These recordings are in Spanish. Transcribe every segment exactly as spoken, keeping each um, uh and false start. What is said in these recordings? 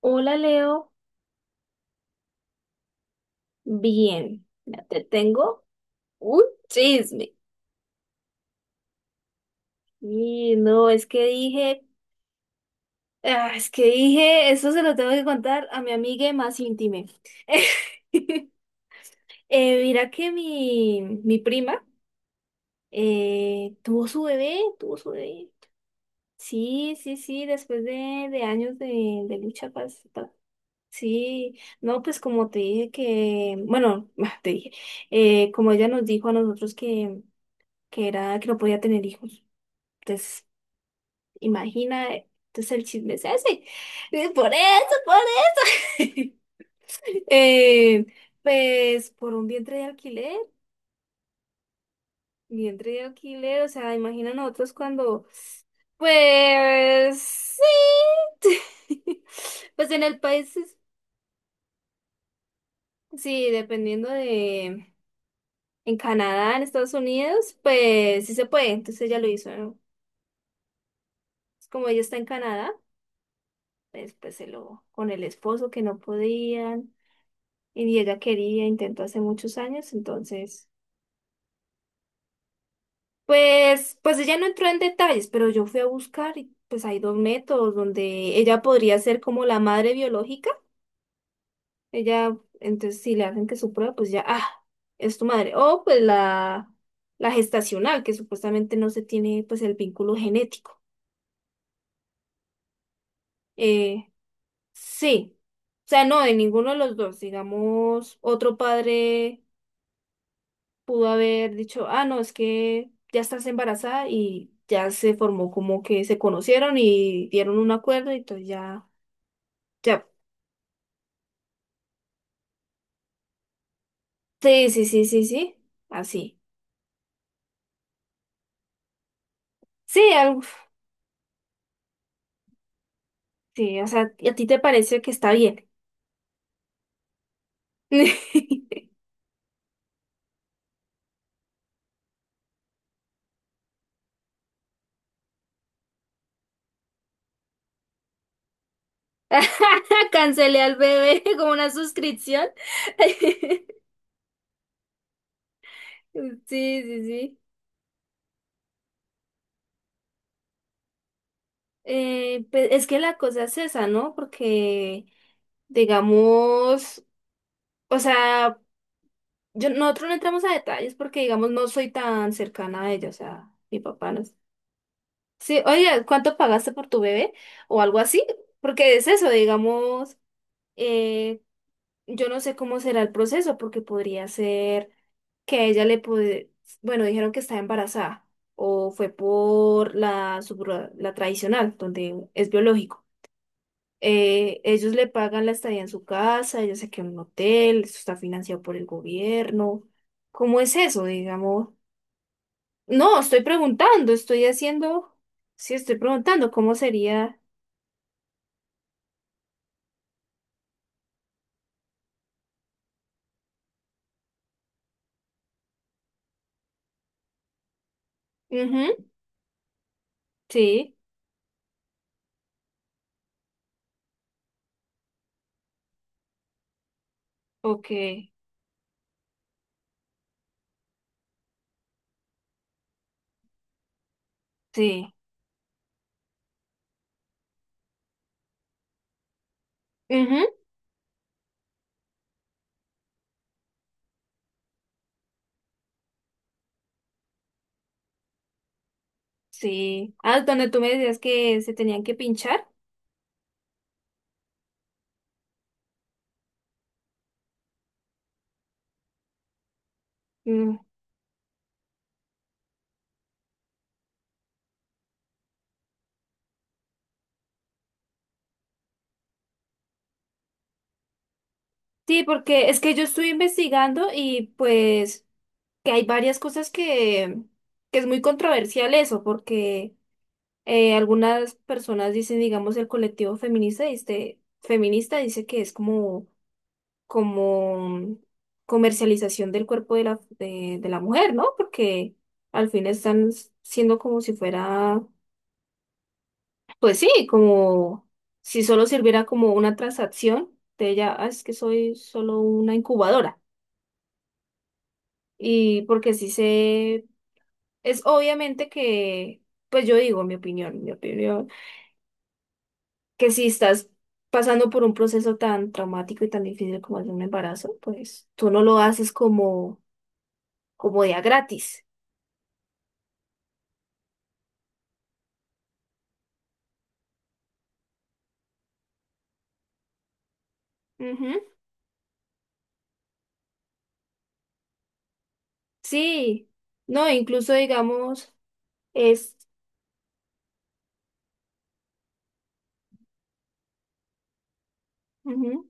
Hola Leo, bien, ya te tengo un chisme. Y no, es que dije, ah, es que dije, eso se lo tengo que contar a mi amiga más íntima. Eh, mira que mi, mi prima eh, tuvo su bebé, tuvo su bebé. Sí, sí, sí, después de, de años de, de lucha, pues, pa- sí, no, pues como te dije que, bueno, te dije, eh, como ella nos dijo a nosotros que que era que no podía tener hijos. Entonces, imagina, eh, entonces el chisme es ese. Eh, Por eso, por eso. Eh, pues por un vientre de alquiler, vientre de alquiler, o sea, imagina nosotros cuando, pues sí. Pues en el país, es- sí, dependiendo de, en Canadá, en Estados Unidos, pues sí se puede, entonces ella lo hizo, ¿no? Es como ella está en Canadá, pues, pues se lo, con el esposo que no podían. Y ella quería, intentó hace muchos años, entonces, pues, pues ella no entró en detalles, pero yo fui a buscar y pues hay dos métodos donde ella podría ser como la madre biológica, ella, entonces si le hacen que su prueba, pues ya, ah, es tu madre, o pues la, la gestacional, que supuestamente no se tiene pues el vínculo genético. Eh, sí, o sea, no, de ninguno de los dos, digamos, otro padre. Pudo haber dicho, ah, no, es que ya estás embarazada y ya se formó como que se conocieron y dieron un acuerdo y entonces ya, ya. Sí, sí, sí, sí, sí, así. Sí, algo, sí, o sea, ¿y a ti te parece que está bien? Cancelé al bebé como una suscripción. Sí, sí, sí. Eh, pues, es que la cosa es esa, ¿no? Porque, digamos, o sea... Yo, nosotros no entramos a detalles porque, digamos, no soy tan cercana a ella, o sea, mi papá no es. Sí, oye, ¿cuánto pagaste por tu bebé? O algo así, porque es eso, digamos, eh, yo no sé cómo será el proceso, porque podría ser que a ella le puede, bueno, dijeron que está embarazada, o fue por la, subro- la tradicional, donde es biológico. Eh, ellos le pagan la estadía en su casa, ella se queda en un hotel, eso está financiado por el gobierno. ¿Cómo es eso, digamos? No, estoy preguntando, estoy haciendo, sí, estoy preguntando cómo sería. Ujú, sí, ok, sí, ujú, sí. Ah, donde tú me decías que se tenían que pinchar. Mm, sí, porque es que yo estoy investigando y pues que hay varias cosas que, que es muy controversial eso, porque eh, algunas personas dicen, digamos, el colectivo feminista, este, feminista dice que es como como comercialización del cuerpo de la, de, de la mujer, ¿no? Porque al fin están siendo como si fuera, pues sí, como si solo sirviera como una transacción de ella, "Ah, es que soy solo una incubadora". Y porque sí se, es obviamente que, pues yo digo mi opinión, mi opinión, que si estás pasando por un proceso tan traumático y tan difícil como es un embarazo, pues tú no lo haces como, como día gratis. Ujú. Sí, no, incluso digamos, es, ujú.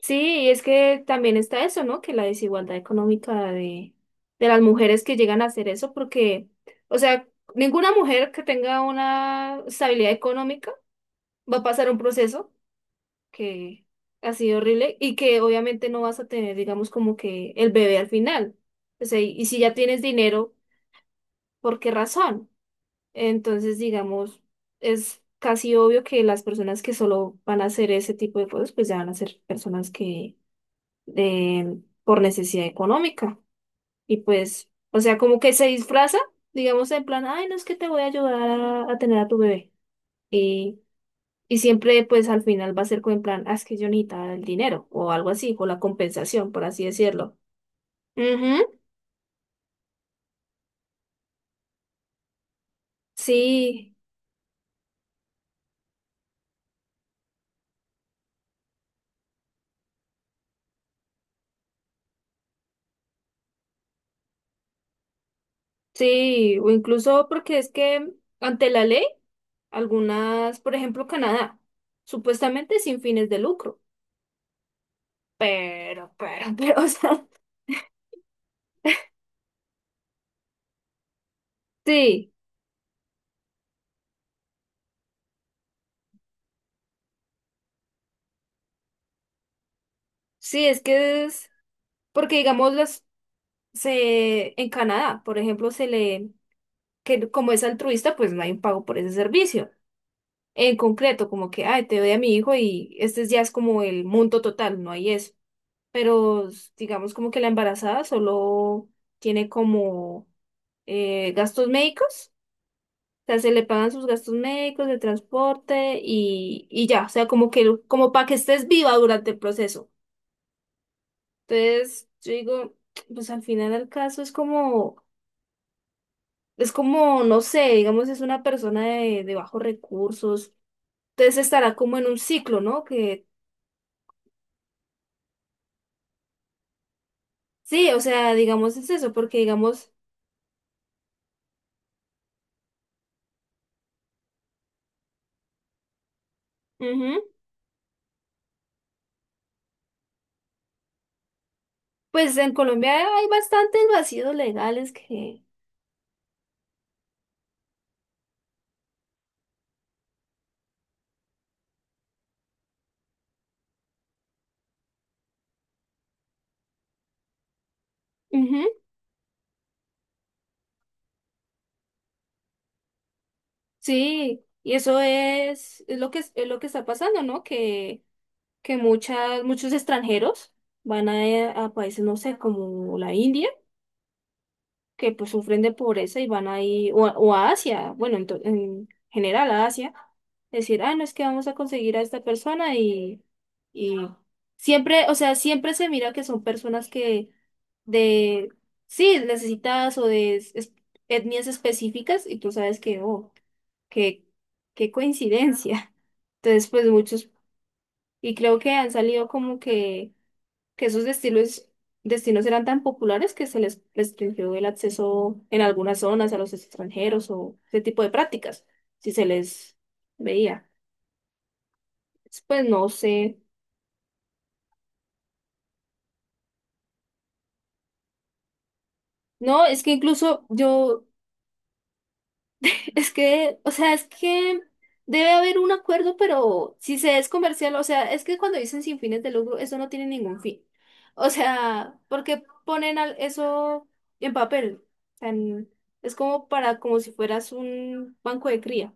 Sí, es que también está eso, ¿no? Que la desigualdad económica de, de las mujeres que llegan a hacer eso, porque, o sea, ninguna mujer que tenga una estabilidad económica va a pasar un proceso que ha sido horrible y que obviamente no vas a tener, digamos, como que el bebé al final. O sea, y y si ya tienes dinero, ¿por qué razón? Entonces, digamos, es casi obvio que las personas que solo van a hacer ese tipo de cosas, pues ya van a ser personas que eh, por necesidad económica. Y pues, o sea, como que se disfraza, digamos, en plan, ay, no es que te voy a ayudar a, a tener a tu bebé. Y, y siempre, pues al final va a ser como en plan, ah, es que yo necesitaba el dinero o algo así, o la compensación, por así decirlo. Ujú, sí, sí, o incluso porque es que ante la ley. Algunas, por ejemplo, Canadá, supuestamente sin fines de lucro, pero, pero, pero, o sea, sí, sí, es que es, porque digamos, las, se, en Canadá, por ejemplo, se le, que como es altruista, pues no hay un pago por ese servicio. En concreto, como que, ay, te doy a mi hijo y este ya es como el monto total, no hay eso. Pero digamos como que la embarazada solo tiene como eh, gastos médicos sea, se le pagan sus gastos médicos, de transporte y, y ya, o sea, como que, como para que estés viva durante el proceso. Entonces, yo digo, pues al final del caso es como, es como, no sé, digamos, es una persona de, de bajos recursos, entonces estará como en un ciclo, ¿no? Que sí, o sea, digamos, es eso, porque digamos, ujú, pues en Colombia hay bastantes vacíos legales que, ujú, sí, y eso es, es lo que, es lo que está pasando, ¿no? Que que muchas, muchos extranjeros van a, eh, a países, no sé, como la India, que pues sufren de pobreza y van ahí, o, a- o a Asia, bueno, en, to- en general a Asia, decir, ah, no es que vamos a conseguir a esta persona y, y siempre, o sea, siempre se mira que son personas que de, sí, necesitadas o de es- es- etnias específicas y tú sabes que, oh, que, qué coincidencia. Entonces, pues muchos, y creo que han salido como que que esos destinos, destinos eran tan populares que se les restringió el acceso en algunas zonas a los extranjeros o ese tipo de prácticas, si se les veía. Pues no sé. No, es que incluso yo, es que, o sea, es que debe haber un acuerdo, pero si se es comercial, o sea, es que cuando dicen sin fines de lucro, eso no tiene ningún fin. O sea, porque ponen al- eso en papel? Tan- es como para, como si fueras un banco de cría.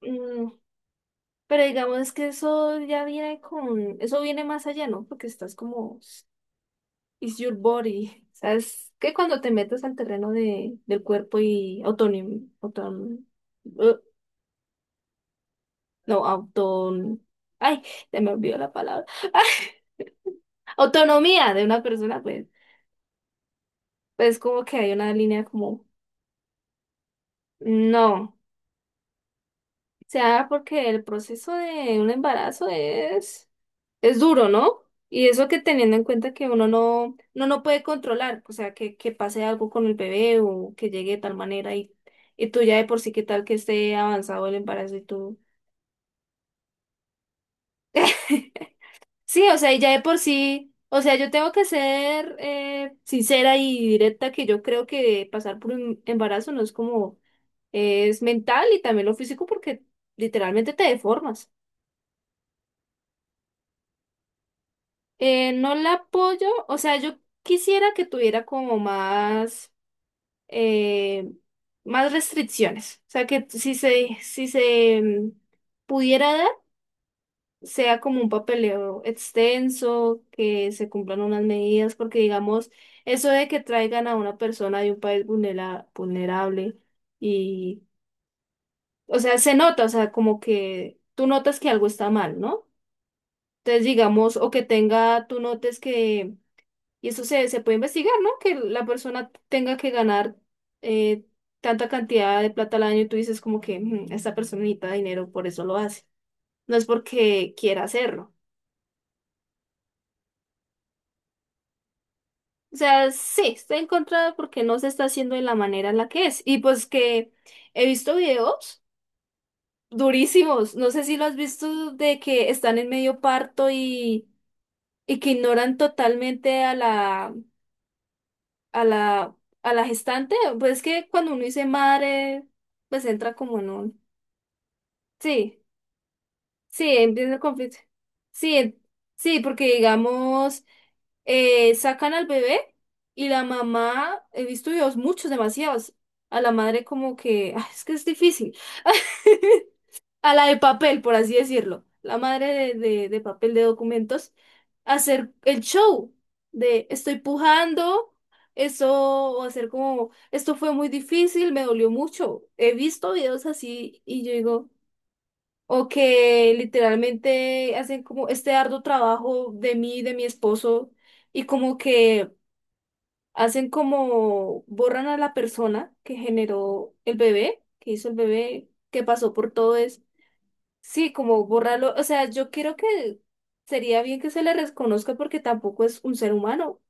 Mm, pero digamos que eso ya viene con, eso viene más allá, ¿no? Porque estás como, it's your body. ¿Sabes? Que cuando te metes al terreno de, del cuerpo y autonim, auton, eh, no, auton, ay, se me olvidó la palabra. Ay, autonomía de una persona, pues, pues como que hay una línea como, no. O sea, porque el proceso de un embarazo es Es duro, ¿no? Y eso que teniendo en cuenta que uno no, no, no puede controlar, o sea, que, que pase algo con el bebé o que llegue de tal manera y, y tú ya de por sí, qué tal que esté avanzado el embarazo y tú... Sí, o sea, y ya de por sí, o sea, yo tengo que ser eh, sincera y directa que yo creo que pasar por un embarazo no es como, eh, es mental y también lo físico porque literalmente te deformas. Eh, no la apoyo, o sea, yo quisiera que tuviera como más... eh, más restricciones. O sea, que si se, si se mm, pudiera dar, sea como un papeleo extenso, que se cumplan unas medidas, porque digamos, eso de que traigan a una persona de un país vulnera- vulnerable y, o sea, se nota, o sea, como que tú notas que algo está mal, ¿no? Entonces, digamos, o que tenga, tú notes que y eso se, se puede investigar, ¿no? Que la persona tenga que ganar eh, tanta cantidad de plata al año y tú dices como que "Mm, esta persona necesita dinero, por eso lo hace. No es porque quiera hacerlo". O sea, sí, está en contra porque no se está haciendo de la manera en la que es. Y pues que he visto videos durísimos, no sé si lo has visto, de que están en medio parto y, y que ignoran totalmente a la, a la, a la gestante, pues es que cuando uno dice madre, pues entra como en un... Sí, sí, empieza el conflicto. Sí, sí, porque digamos, eh, sacan al bebé y la mamá, he visto videos muchos, demasiados, a la madre como que, "Ah, es que es difícil". A la de papel, por así decirlo, la madre de, de, de papel de documentos, hacer el show de estoy pujando, eso, o hacer como, esto fue muy difícil, me dolió mucho. He visto videos así y yo digo, o que literalmente hacen como este arduo trabajo de mí, de mi esposo, y como que hacen como, borran a la persona que generó el bebé, que hizo el bebé, que pasó por todo. Sí, como borrarlo, o sea, yo creo que sería bien que se le reconozca porque tampoco es un ser humano.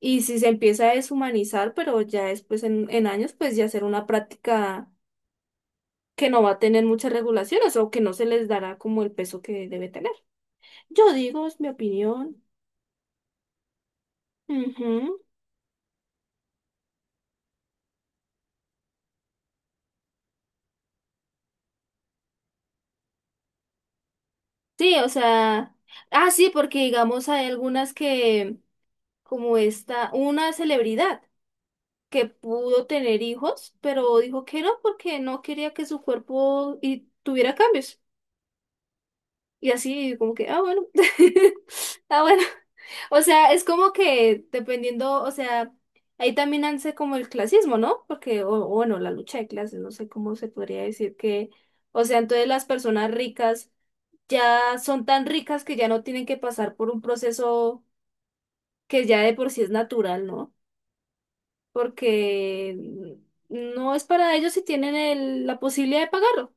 Y si se empieza a deshumanizar, pero ya después en, en años, pues ya será una práctica que no va a tener muchas regulaciones o que no se les dará como el peso que debe tener. Yo digo, es mi opinión. Ujú. Sí, o sea, ah, sí, porque digamos hay algunas que, como esta, una celebridad. Que pudo tener hijos, pero dijo que no porque no quería que su cuerpo y tuviera cambios. Y así como que, ah, bueno, ah, bueno. O sea, es como que dependiendo, o sea, ahí también hace como el clasismo, ¿no? Porque, o, o bueno, la lucha de clases, no sé cómo se podría decir que, o sea, entonces las personas ricas ya son tan ricas que ya no tienen que pasar por un proceso que ya de por sí es natural, ¿no? Porque no es para ellos si tienen el- la posibilidad de pagarlo.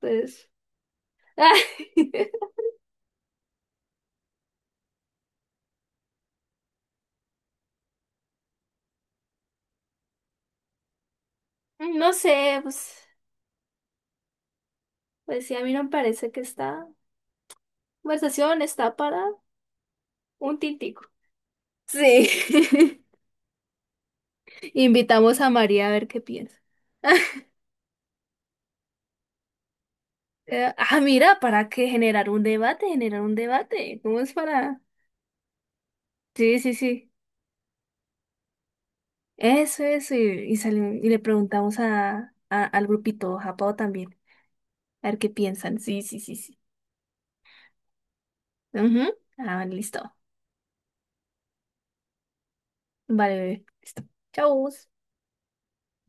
Pues, no sé, pues, pues sí, a mí no me parece que esta conversación está para un tintico. Sí. Invitamos a María a ver qué piensa. Eh, ah, mira, ¿para qué generar un debate? Generar un debate. ¿Cómo es para...? Sí, sí, sí. Eso, eso. Y, y salimos- y le preguntamos a, a- al grupito Japao también. A ver qué piensan. Sí, sí, sí, sí. Ujú. Ah, listo. Vale, bebé. Listo. Chau.